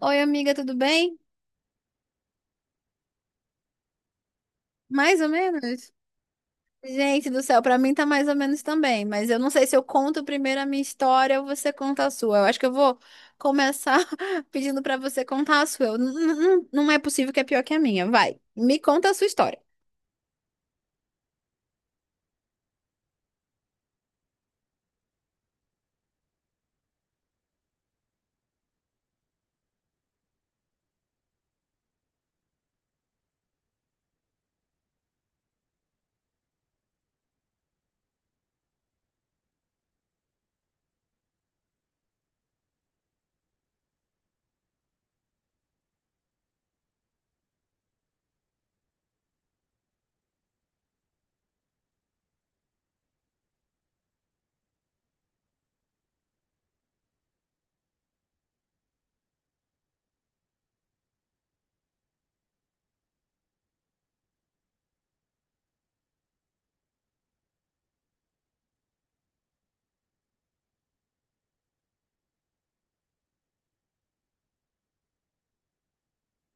Oi, amiga, tudo bem? Mais ou menos? Gente do céu, pra mim tá mais ou menos também, mas eu não sei se eu conto primeiro a minha história ou você conta a sua. Eu acho que eu vou começar pedindo pra você contar a sua. Não é possível que é pior que a minha. Vai, me conta a sua história.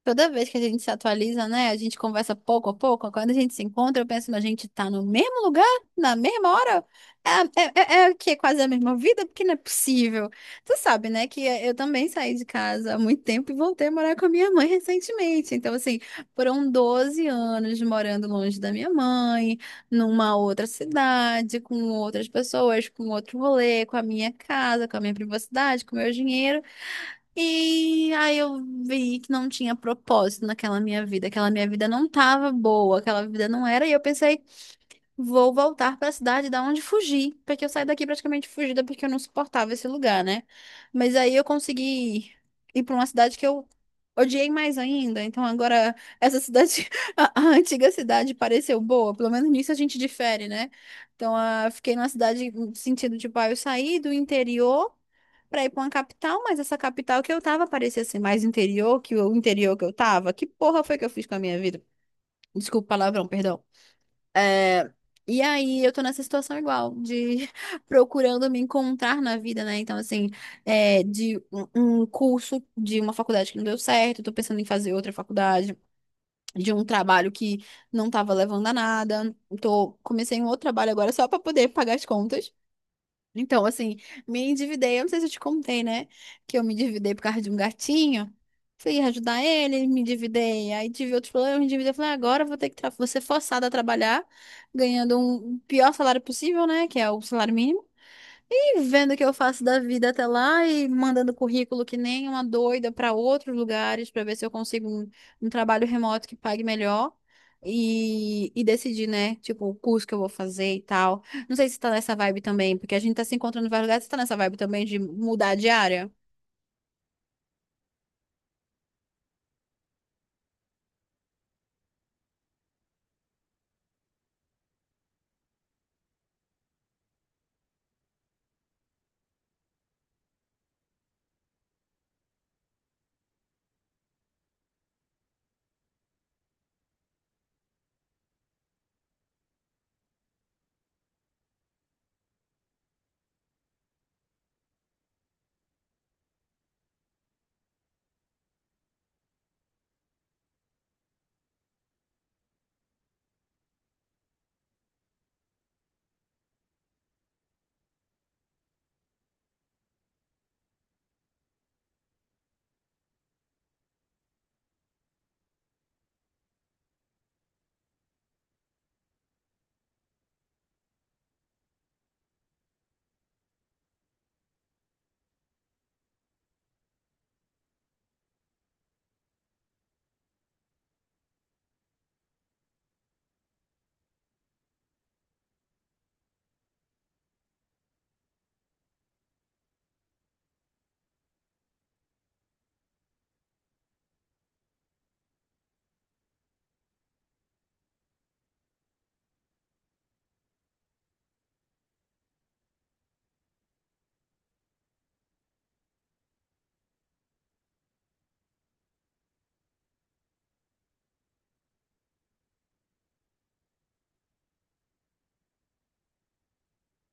Toda vez que a gente se atualiza, né? A gente conversa pouco a pouco. Quando a gente se encontra, eu penso, mas a gente tá no mesmo lugar, na mesma hora. É o quê? Quase a mesma vida? Porque não é possível. Tu sabe, né? Que eu também saí de casa há muito tempo e voltei a morar com a minha mãe recentemente. Então, assim, foram 12 anos morando longe da minha mãe, numa outra cidade, com outras pessoas, com outro rolê, com a minha casa, com a minha privacidade, com o meu dinheiro. E aí eu vi que não tinha propósito naquela minha vida, aquela minha vida não tava boa, aquela vida não era, e eu pensei, vou voltar para a cidade da onde fugi, porque eu saí daqui praticamente fugida porque eu não suportava esse lugar, né? Mas aí eu consegui ir para uma cidade que eu odiei mais ainda. Então agora essa cidade, a antiga cidade pareceu boa, pelo menos nisso a gente difere, né? Então fiquei numa cidade no sentido de, pai, eu saí do interior para ir para uma capital, mas essa capital que eu tava parecia ser mais interior que o interior que eu tava. Que porra foi que eu fiz com a minha vida? Desculpa o palavrão, perdão. É, e aí eu tô nessa situação igual, de procurando me encontrar na vida, né? Então, assim, é, de um curso de uma faculdade que não deu certo, tô pensando em fazer outra faculdade, de um trabalho que não tava levando a nada. Tô, comecei um outro trabalho agora só pra poder pagar as contas. Então, assim, me endividei. Eu não sei se eu te contei, né? Que eu me endividei por causa de um gatinho. Fui ajudar ele, me endividei. Aí tive outros problemas, me endividei. Falei, "Ah, agora eu vou ter que vou ser forçada a trabalhar, ganhando o pior salário possível, né? Que é o salário mínimo. E vendo o que eu faço da vida até lá e mandando currículo que nem uma doida para outros lugares para ver se eu consigo um trabalho remoto que pague melhor. E decidir, né? Tipo, o curso que eu vou fazer e tal. Não sei se tá nessa vibe também, porque a gente tá se encontrando em vários lugares. Você tá nessa vibe também de mudar de área?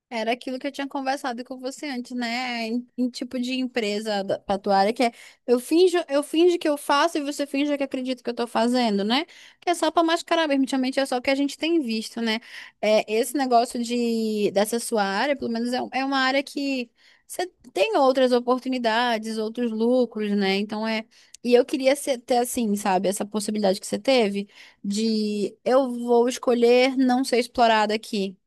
Era aquilo que eu tinha conversado com você antes, né? Em tipo de empresa pra tua área, que é eu finjo que eu faço e você finge que acredita que eu tô fazendo, né? Que é só pra mascarar mesmo, ultimamente é só o que a gente tem visto, né? É, esse negócio de, dessa sua área, pelo menos é, é uma área que você tem outras oportunidades, outros lucros, né? Então é. E eu queria ser, ter assim, sabe, essa possibilidade que você teve de eu vou escolher não ser explorada aqui.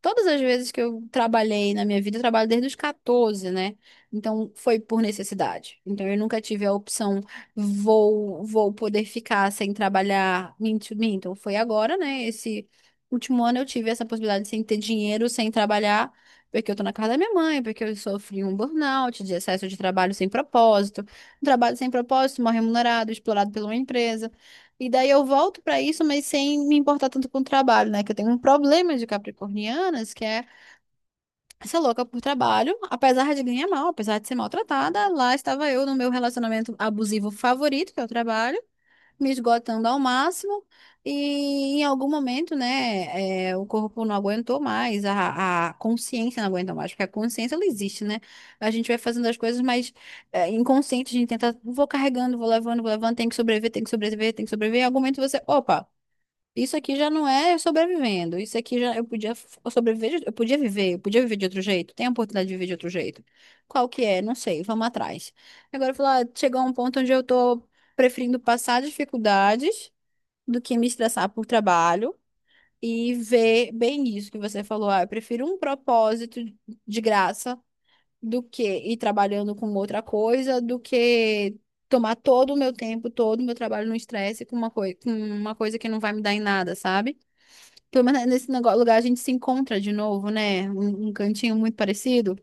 Todas as vezes que eu trabalhei na minha vida, eu trabalho desde os 14, né? Então foi por necessidade. Então eu nunca tive a opção, vou poder ficar sem trabalhar. Minto, minto, foi agora, né? Esse último ano eu tive essa possibilidade sem ter dinheiro, sem trabalhar, porque eu tô na casa da minha mãe, porque eu sofri um burnout de excesso de trabalho sem propósito. Um trabalho sem propósito, mal remunerado, explorado pela uma empresa. E daí eu volto para isso, mas sem me importar tanto com o trabalho, né? Que eu tenho um problema de capricornianas, que é essa louca por trabalho, apesar de ganhar mal, apesar de ser maltratada, lá estava eu no meu relacionamento abusivo favorito, que é o trabalho, me esgotando ao máximo. E em algum momento, né, é, o corpo não aguentou mais, a consciência não aguenta mais, porque a consciência ela existe, né? A gente vai fazendo as coisas, mas é, inconsciente, a gente tenta, vou carregando, vou levando, tem que sobreviver, tem que sobreviver, tem que sobreviver. Em algum momento você, opa, isso aqui já não é sobrevivendo. Isso aqui já eu podia eu sobreviver, eu podia viver de outro jeito. Tem a oportunidade de viver de outro jeito. Qual que é? Não sei, vamos atrás. Agora falar, chegou a um ponto onde eu tô preferindo passar dificuldades do que me estressar por trabalho e ver bem isso que você falou. Ah, eu prefiro um propósito de graça do que ir trabalhando com outra coisa, do que tomar todo o meu tempo, todo o meu trabalho no estresse com uma coisa que não vai me dar em nada, sabe? Pelo menos nesse negócio, lugar a gente se encontra de novo, né? Um cantinho muito parecido.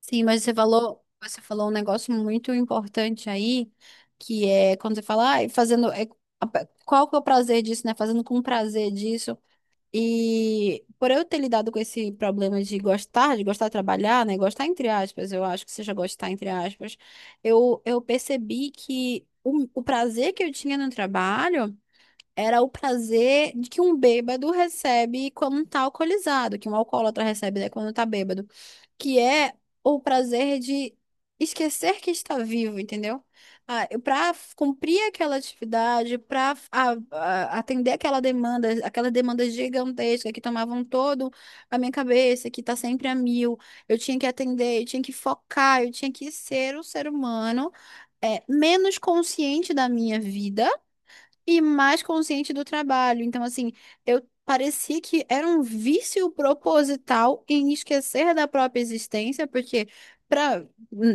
Sim, mas você falou um negócio muito importante aí, que é quando você fala, ai, fazendo. É, a- qual que é o prazer disso, né? Fazendo com prazer disso. E por eu ter lidado com esse problema de gostar, de gostar de trabalhar, né? Gostar entre aspas, eu acho que seja gostar entre aspas, eu percebi que o prazer que eu tinha no trabalho era o prazer de que um bêbado recebe quando tá alcoolizado, que um alcoólatra recebe, né, quando tá bêbado, que é o prazer de esquecer que está vivo, entendeu? Ah, para cumprir aquela atividade, para atender aquela demanda gigantesca que tomavam todo a minha cabeça, que tá sempre a mil, eu tinha que atender, eu tinha que focar, eu tinha que ser um ser humano é, menos consciente da minha vida e mais consciente do trabalho. Então, assim, eu parecia que era um vício proposital em esquecer da própria existência, porque para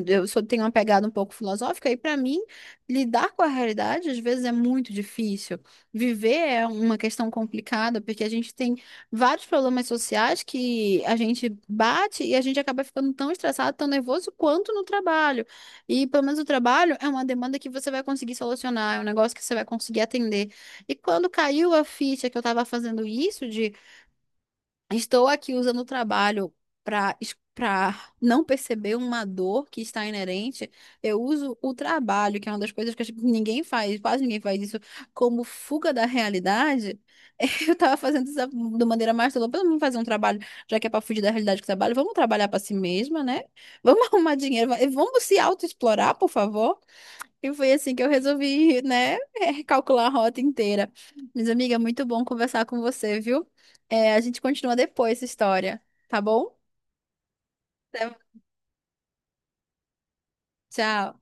eu só tenho uma pegada um pouco filosófica e para mim lidar com a realidade às vezes é muito difícil. Viver é uma questão complicada, porque a gente tem vários problemas sociais que a gente bate e a gente acaba ficando tão estressado, tão nervoso quanto no trabalho. E pelo menos o trabalho é uma demanda que você vai conseguir solucionar, é um negócio que você vai conseguir atender. E quando caiu a ficha que eu estava fazendo isso, de estou aqui usando o trabalho para para não perceber uma dor que está inerente. Eu uso o trabalho, que é uma das coisas que acho que ninguém faz, quase ninguém faz isso, como fuga da realidade. Eu estava fazendo isso de maneira mais tola. Vamos fazer um trabalho, já que é para fugir da realidade que trabalho, vamos trabalhar para si mesma, né? Vamos arrumar dinheiro, vamos se autoexplorar, por favor. E foi assim que eu resolvi, né, recalcular a rota inteira. Mas, amiga, muito bom conversar com você, viu? É, a gente continua depois essa história, tá bom? Tá. Tchau.